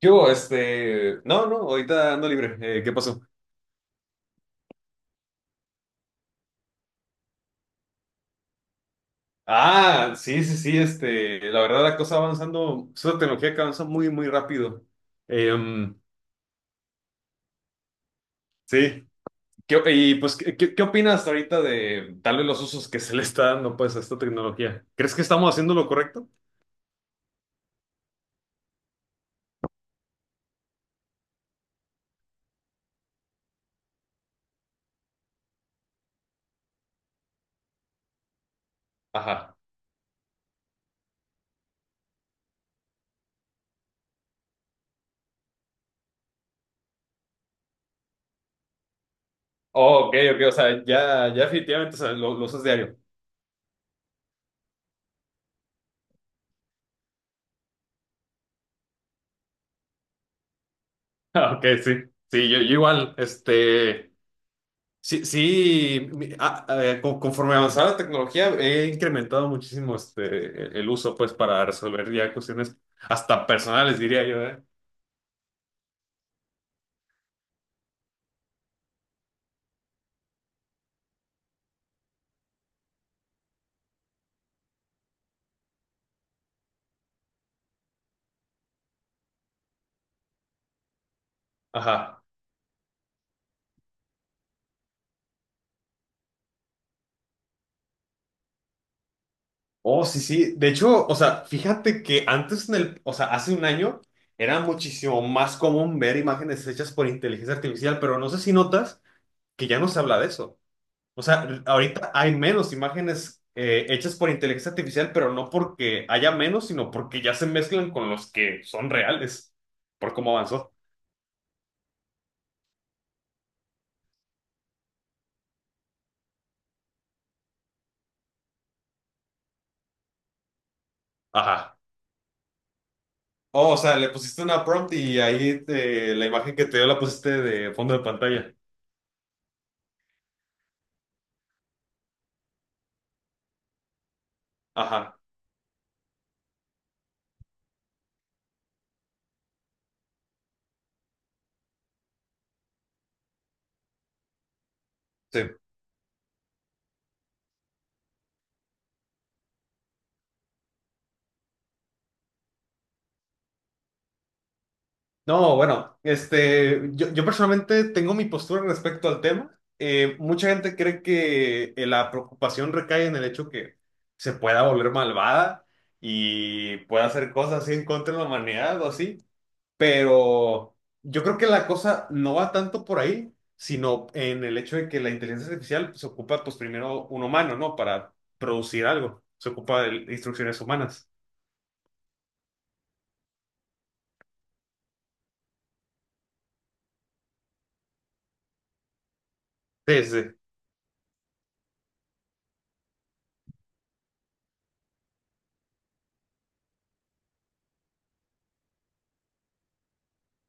Yo Este, no, no, ahorita ando libre. ¿Qué pasó? Ah, sí, sí, sí, este, la verdad la cosa avanzando, es una tecnología que avanza muy, muy rápido. Em, sí, ¿Qué, qué opinas ahorita de tal vez los usos que se le está dando pues a esta tecnología? ¿Crees que estamos haciendo lo correcto? Ajá. Oh, ok, ok, o sea, ya, ya definitivamente, o sea, lo usas diario. Ah, ok, sí, sí, yo igual, este... Sí, sí, conforme avanzaba la tecnología he incrementado muchísimo este, el uso pues para resolver ya cuestiones hasta personales diría yo, ¿eh? Ajá. Oh, sí, sí. De hecho, o sea, fíjate que antes en el, o sea, hace un año era muchísimo más común ver imágenes hechas por inteligencia artificial, pero no sé si notas que ya no se habla de eso. O sea, ahorita hay menos imágenes hechas por inteligencia artificial, pero no porque haya menos, sino porque ya se mezclan con los que son reales, por cómo avanzó. Ajá. Oh, o sea, le pusiste una prompt y ahí la imagen que te dio la pusiste de fondo de pantalla. Ajá. Sí. No, bueno, este, yo personalmente tengo mi postura respecto al tema. Mucha gente cree que la preocupación recae en el hecho que se pueda volver malvada y pueda hacer cosas así en contra de la humanidad o así, pero yo creo que la cosa no va tanto por ahí, sino en el hecho de que la inteligencia artificial se ocupa, pues primero un humano, ¿no? Para producir algo, se ocupa de instrucciones humanas. Sí, sí.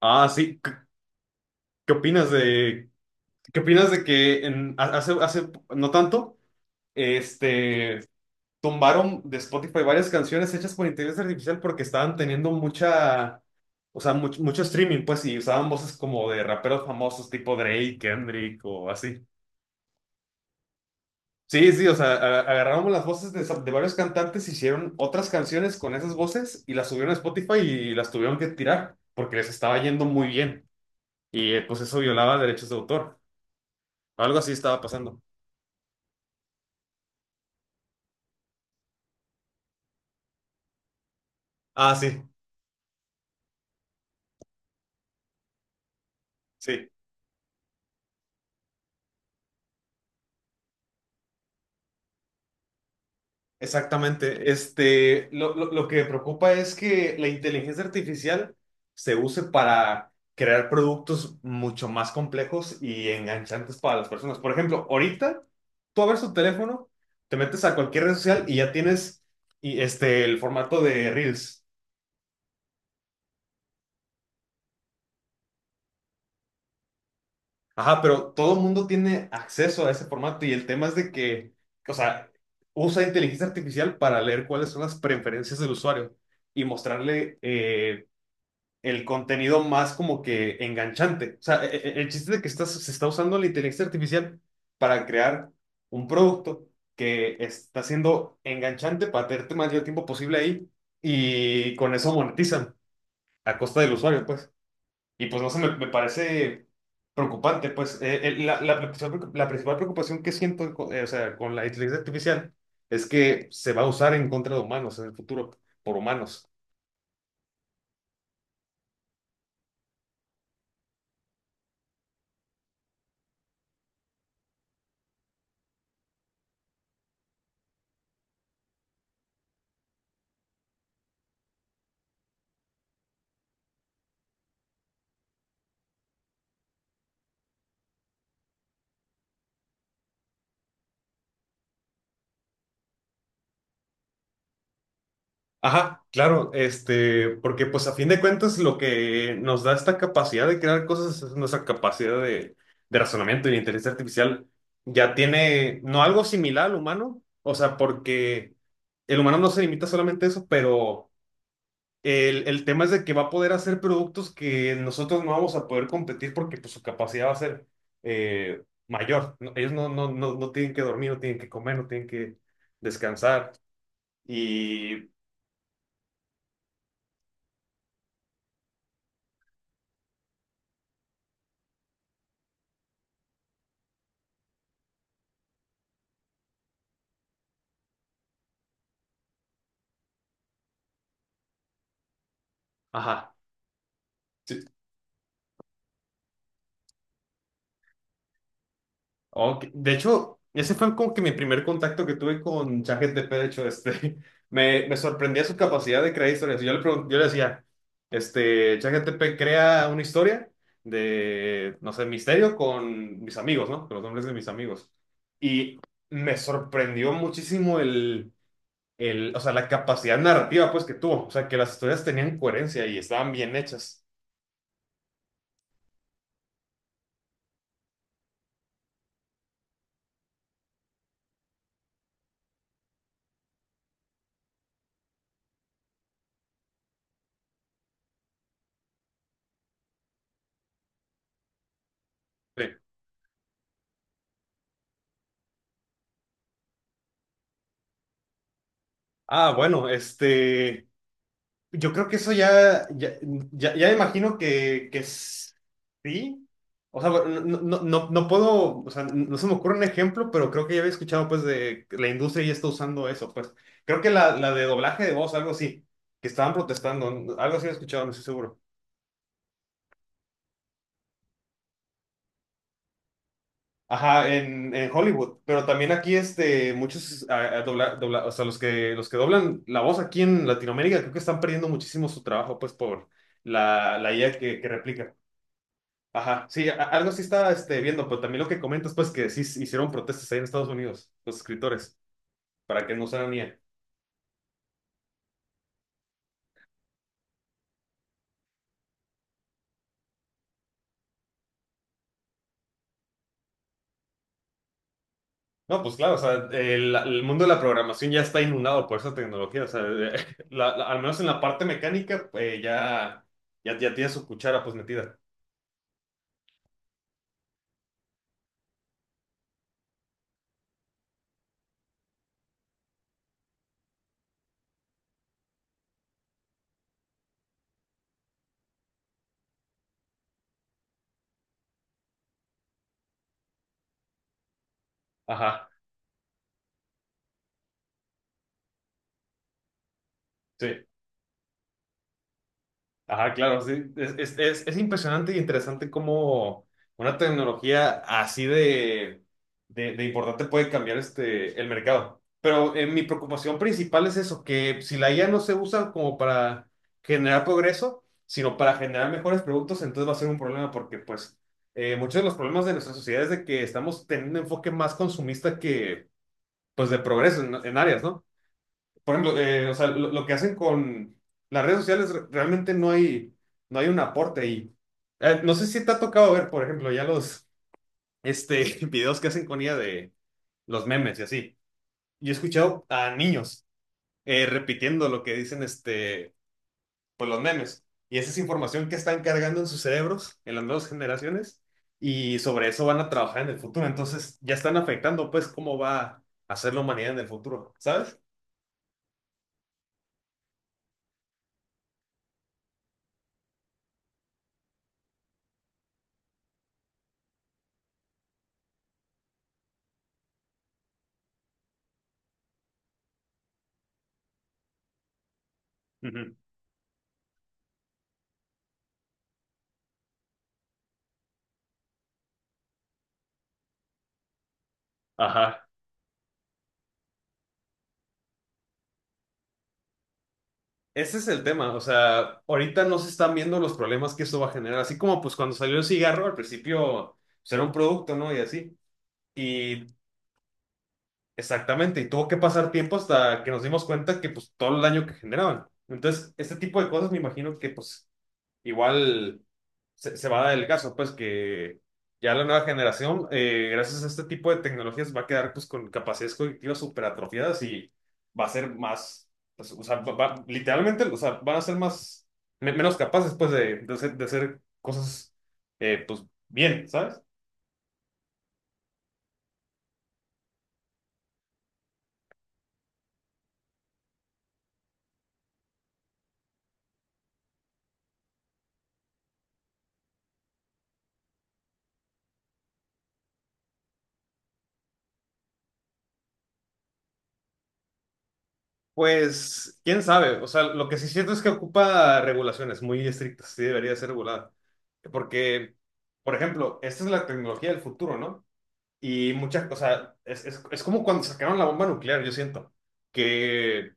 Ah, sí. ¿Qué opinas de... ¿Qué opinas de que hace, hace no tanto, este, tumbaron de Spotify varias canciones hechas por inteligencia artificial porque estaban teniendo mucha, o sea, mucho streaming, pues, y usaban voces como de raperos famosos tipo Drake, Kendrick o así. Sí, sí, o sea, agarraron las voces de varios cantantes, hicieron otras canciones con esas voces y las subieron a Spotify y las tuvieron que tirar porque les estaba yendo muy bien. Y pues eso violaba derechos de autor. Algo así estaba pasando. Ah, sí. Sí. Exactamente. Este, lo que me preocupa es que la inteligencia artificial se use para crear productos mucho más complejos y enganchantes para las personas. Por ejemplo, ahorita tú abres tu teléfono, te metes a cualquier red social y ya tienes y este, el formato de Reels. Ajá, pero todo el mundo tiene acceso a ese formato y el tema es de que, o sea, usa inteligencia artificial para leer cuáles son las preferencias del usuario y mostrarle el contenido más como que enganchante. O sea, el chiste de que estás, se está usando la inteligencia artificial para crear un producto que está siendo enganchante para tenerte más tiempo posible ahí y con eso monetizan a costa del usuario, pues. Y pues no sé, me parece preocupante, pues. La principal preocupación que siento, o sea, con la inteligencia artificial es que se va a usar en contra de humanos en el futuro, por humanos. Ajá, claro, este, porque pues a fin de cuentas lo que nos da esta capacidad de crear cosas es nuestra capacidad de razonamiento y la inteligencia artificial ya tiene, no algo similar al humano, o sea, porque el humano no se limita solamente a eso, pero el tema es de que va a poder hacer productos que nosotros no vamos a poder competir porque pues su capacidad va a ser eh, mayor. No, ellos no, no, no, no tienen que dormir, no tienen que comer, no tienen que descansar y, ajá. Sí, ok, de hecho, ese fue como que mi primer contacto que tuve con ChatGPT, de hecho, este, me sorprendía su capacidad de crear historias. Yo le decía, este, ChatGPT crea una historia de, no sé, misterio con mis amigos, ¿no? Con los nombres de mis amigos. Y me sorprendió muchísimo el, o sea, la capacidad narrativa, pues, que tuvo. O sea, que las historias tenían coherencia y estaban bien hechas. Sí. Ah, bueno, este... Yo creo que eso ya imagino que, sí. O sea, bueno, no puedo, o sea, no se me ocurre un ejemplo, pero creo que ya había escuchado pues de que la industria ya está usando eso, pues. Creo que la de doblaje de voz, algo así, que estaban protestando, algo así he escuchado, no estoy seguro. Ajá, en Hollywood, pero también aquí este, muchos, o sea, los que doblan la voz aquí en Latinoamérica, creo que están perdiendo muchísimo su trabajo pues por la IA que replica. Ajá, sí, algo sí estaba este, viendo, pero también lo que comentas, pues que sí hicieron protestas ahí en Estados Unidos, los escritores, para que no usaran IA. No, pues claro, o sea, el mundo de la programación ya está inundado por esa tecnología, o sea, al menos en la parte mecánica, ya tiene su cuchara pues metida. Ajá, sí. Ajá, claro, sí. Es impresionante y interesante cómo una tecnología así de importante puede cambiar este, el mercado. Pero mi preocupación principal es eso, que si la IA no se usa como para generar progreso, sino para generar mejores productos, entonces va a ser un problema porque pues muchos de los problemas de nuestra sociedad es de que estamos teniendo un enfoque más consumista que pues de progreso en áreas, ¿no? Por ejemplo, o sea, lo que hacen con las redes sociales realmente no hay, no hay un aporte ahí. No sé si te ha tocado ver, por ejemplo, ya los este, videos que hacen con ella de los memes y así. Yo he escuchado a niños repitiendo lo que dicen este, pues los memes. Y esa es información que están cargando en sus cerebros, en las nuevas generaciones, y sobre eso van a trabajar en el futuro. Entonces ya están afectando, pues, cómo va a ser la humanidad en el futuro, ¿sabes? Ujú. Ajá. Ese es el tema, o sea, ahorita no se están viendo los problemas que eso va a generar, así como pues cuando salió el cigarro, al principio pues, era un producto, ¿no? Y así. Y exactamente, y tuvo que pasar tiempo hasta que nos dimos cuenta que pues todo el daño que generaban. Entonces, este tipo de cosas me imagino que pues igual se, se va a dar el caso, pues que ya la nueva generación, gracias a este tipo de tecnologías, va a quedar pues con capacidades cognitivas súper atrofiadas y va a ser más, pues, o sea, literalmente, o sea, van a ser más, menos capaces pues de hacer cosas, pues bien, ¿sabes? Pues, quién sabe, o sea, lo que sí siento es que ocupa regulaciones muy estrictas, sí debería ser regulada, porque, por ejemplo, esta es la tecnología del futuro, ¿no? Y muchas, o sea, es como cuando sacaron la bomba nuclear, yo siento, que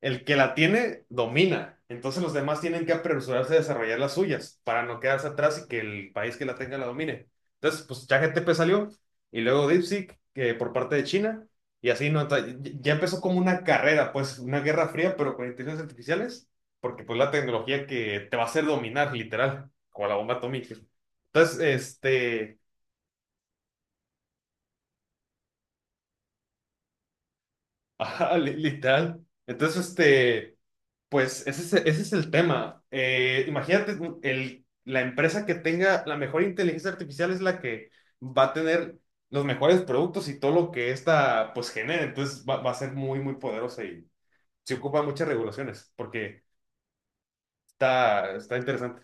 el que la tiene domina, entonces los demás tienen que apresurarse a desarrollar las suyas para no quedarse atrás y que el país que la tenga la domine. Entonces, pues ChatGPT salió y luego DeepSeek, que por parte de China, y así no, ya empezó como una carrera, pues una guerra fría, pero con inteligencias artificiales, porque pues la tecnología que te va a hacer dominar, literal, como la bomba atómica. Entonces, este... Ajá, literal. Entonces, este, pues ese es, ese es el tema. Imagínate, mm, la empresa que tenga la mejor inteligencia artificial es la que va a tener los mejores productos y todo lo que esta, pues, genere. Entonces, va a ser muy, muy poderosa y se ocupa muchas regulaciones porque está, está interesante.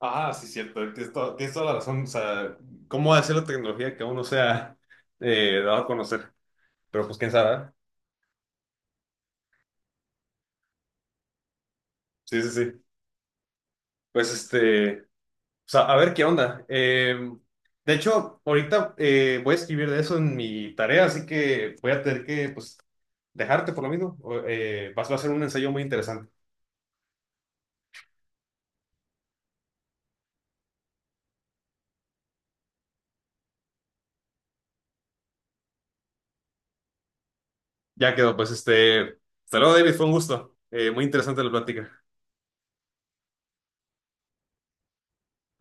Ah, sí, cierto. Tienes toda la razón. O sea, ¿cómo va a ser la tecnología que aún no se ha dado a conocer? Pero pues, quién sabe, ¿verdad? Sí, sí, sí. Pues, este... O sea, a ver qué onda. De hecho, ahorita voy a escribir de eso en mi tarea, así que voy a tener que pues, dejarte por lo mismo. O, vas va a ser un ensayo muy interesante. Ya quedó, pues este. Hasta luego, David, fue un gusto. Muy interesante la plática.